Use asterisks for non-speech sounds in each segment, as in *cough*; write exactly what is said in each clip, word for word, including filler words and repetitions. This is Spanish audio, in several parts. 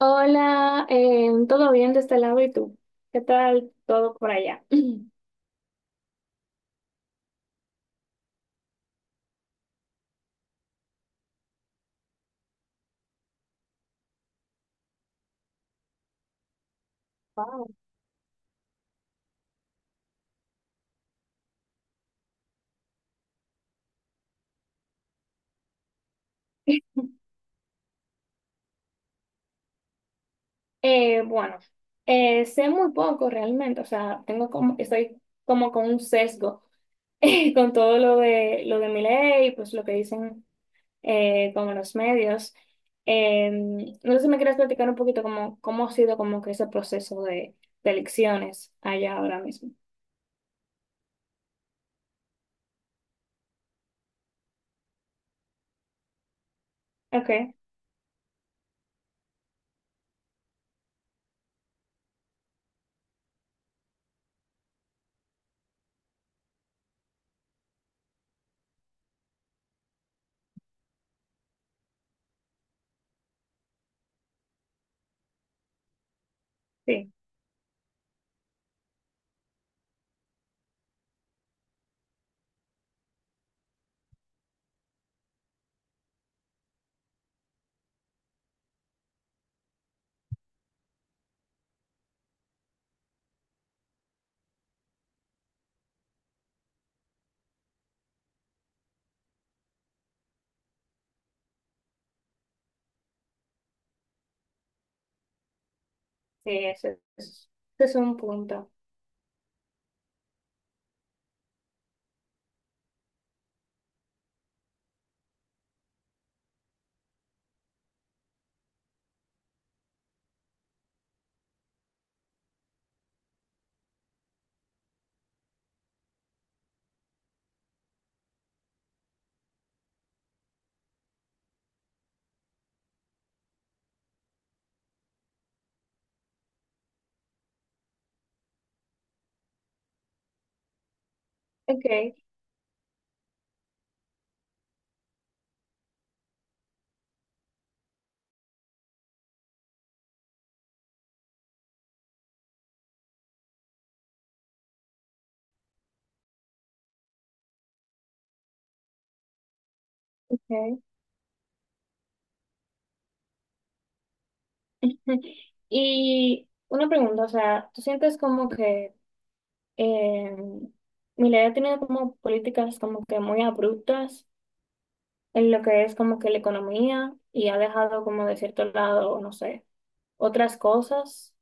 Hola, eh, ¿todo bien de este lado y tú? ¿Qué tal todo por allá? *clears throat* Wow. Eh, bueno, eh, sé muy poco realmente, o sea, tengo como, estoy como con un sesgo *laughs* eh, con todo lo de lo de Milei, pues lo que dicen eh, como los medios. Eh, no sé si me quieres platicar un poquito cómo, cómo ha sido como que ese proceso de, de elecciones allá ahora mismo. Okay, sí, sí, ese, ese es un punto. Okay. Ok. *laughs* Y una pregunta, o sea, ¿tú sientes como que eh, Milei ha tenido como políticas como que muy abruptas en lo que es como que la economía y ha dejado como de cierto lado, no sé, otras cosas?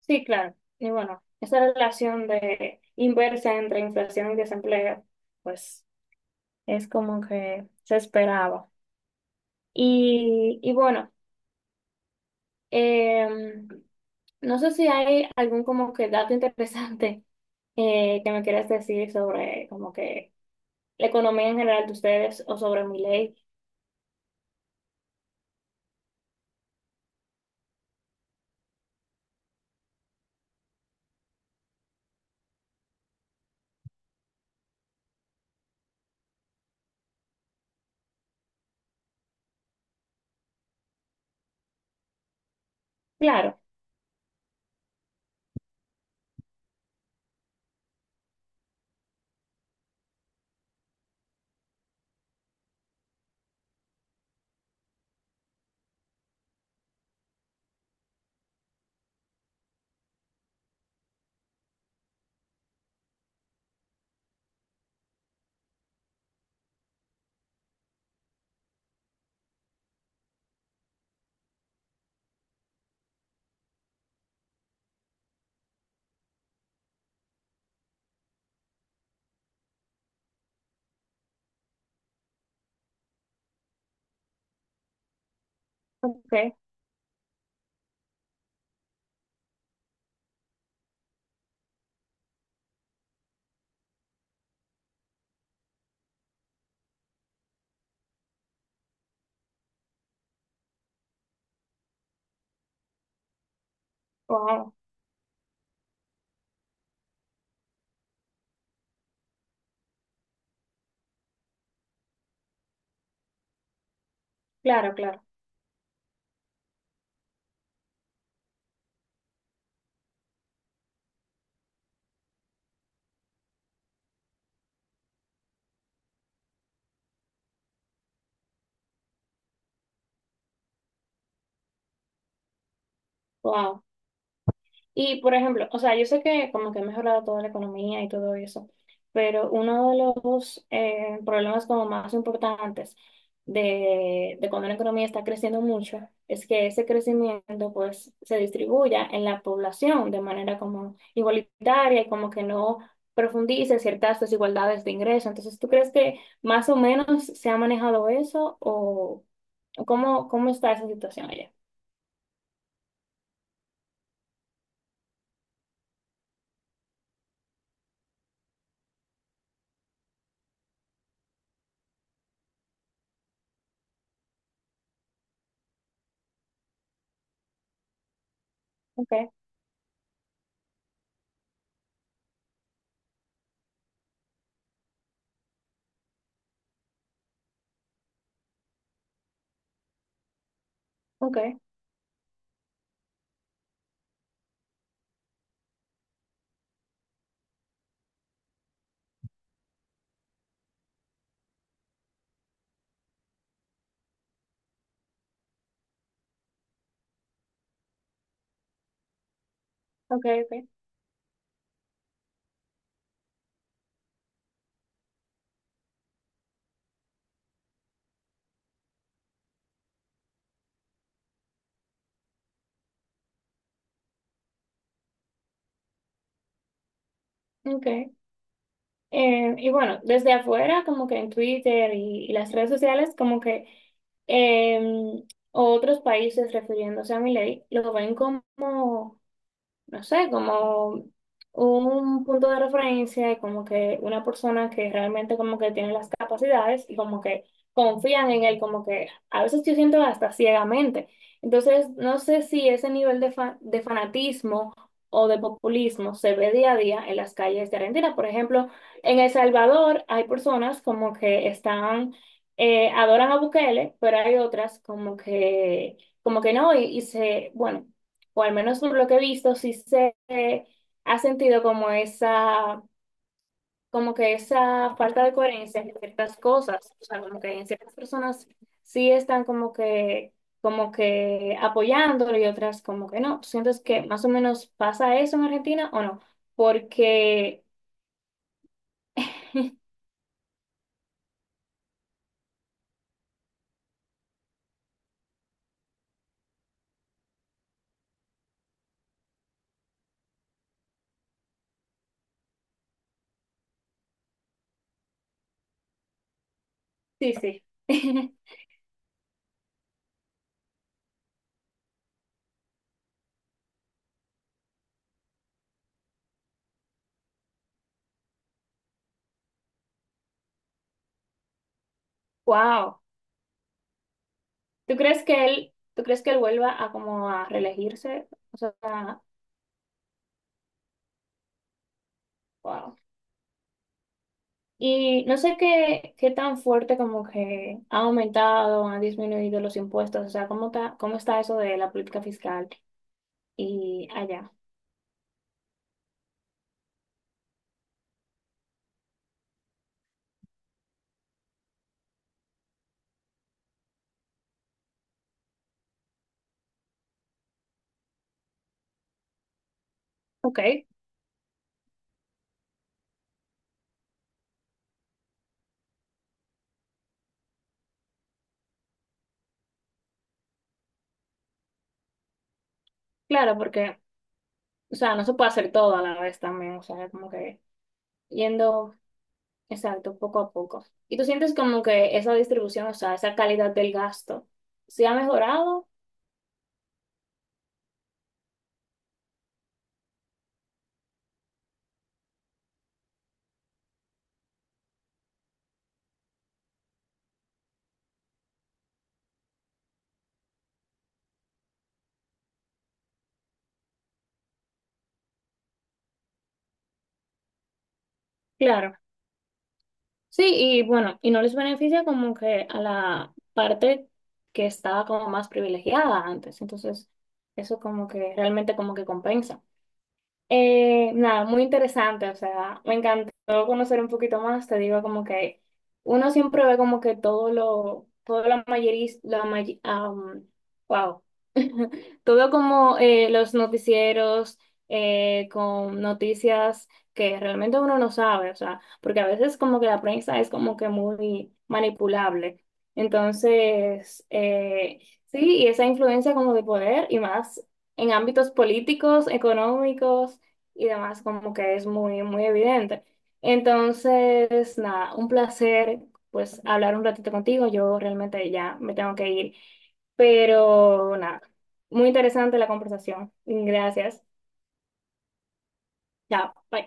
Sí, claro. Y bueno, esa relación de inversa entre inflación y desempleo, pues es como que se esperaba. Y, y bueno, em, no sé si hay algún como que dato interesante eh, que me quieras decir sobre como que la economía en general de ustedes o sobre mi ley. Claro, ok, wow, claro, claro, wow. Y, por ejemplo, o sea, yo sé que como que ha mejorado toda la economía y todo eso, pero uno de los eh, problemas como más importantes de, de, cuando la economía está creciendo mucho es que ese crecimiento pues se distribuya en la población de manera como igualitaria y como que no profundice ciertas desigualdades de ingreso. Entonces, ¿tú crees que más o menos se ha manejado eso o o cómo, cómo está esa situación allá? Okay, okay, okay, okay, ok. Eh, y bueno, desde afuera, como que en Twitter y, y las redes sociales, como que eh, otros países refiriéndose a mi ley, lo ven como no sé, como un punto de referencia y como que una persona que realmente como que tiene las capacidades y como que confían en él, como que a veces yo siento hasta ciegamente. Entonces, no sé si ese nivel de, fa- de fanatismo o de populismo se ve día a día en las calles de Argentina. Por ejemplo, en El Salvador hay personas como que están, eh, adoran a Bukele, pero hay otras como que, como que no, y y se, bueno, o al menos por lo que he visto, sí se eh, ha sentido como esa, como que esa falta de coherencia en ciertas cosas, o sea, como que en ciertas personas sí están como que, como que apoyándolo y otras como que no. ¿Tú sientes que más o menos pasa eso en Argentina o no? Porque, *laughs* sí, sí. *laughs* Wow. ¿Tú crees que él, tú crees que él vuelva a como a reelegirse? O sea, wow. Y no sé qué, qué tan fuerte como que ha aumentado, han disminuido los impuestos, o sea, cómo está, cómo está eso de la política fiscal y allá. Ok, claro, porque, o sea, no se puede hacer todo a la vez también, o sea, como que yendo, exacto, poco a poco. ¿Y tú sientes como que esa distribución, o sea, esa calidad del gasto, se ha mejorado? Claro. Sí, y bueno, y no les beneficia como que a la parte que estaba como más privilegiada antes. Entonces, eso como que realmente como que compensa. Eh, nada, muy interesante, o sea, me encantó conocer un poquito más, te digo como que uno siempre ve como que todo lo, todo la mayoría, la may- am, wow, *laughs* todo como eh, los noticieros eh, con noticias que realmente uno no sabe, o sea, porque a veces como que la prensa es como que muy manipulable, entonces, eh, sí, y esa influencia como de poder y más en ámbitos políticos, económicos y demás, como que es muy, muy evidente. Entonces, nada, un placer pues hablar un ratito contigo. Yo realmente ya me tengo que ir, pero nada, muy interesante la conversación. Gracias. Chao. Bye.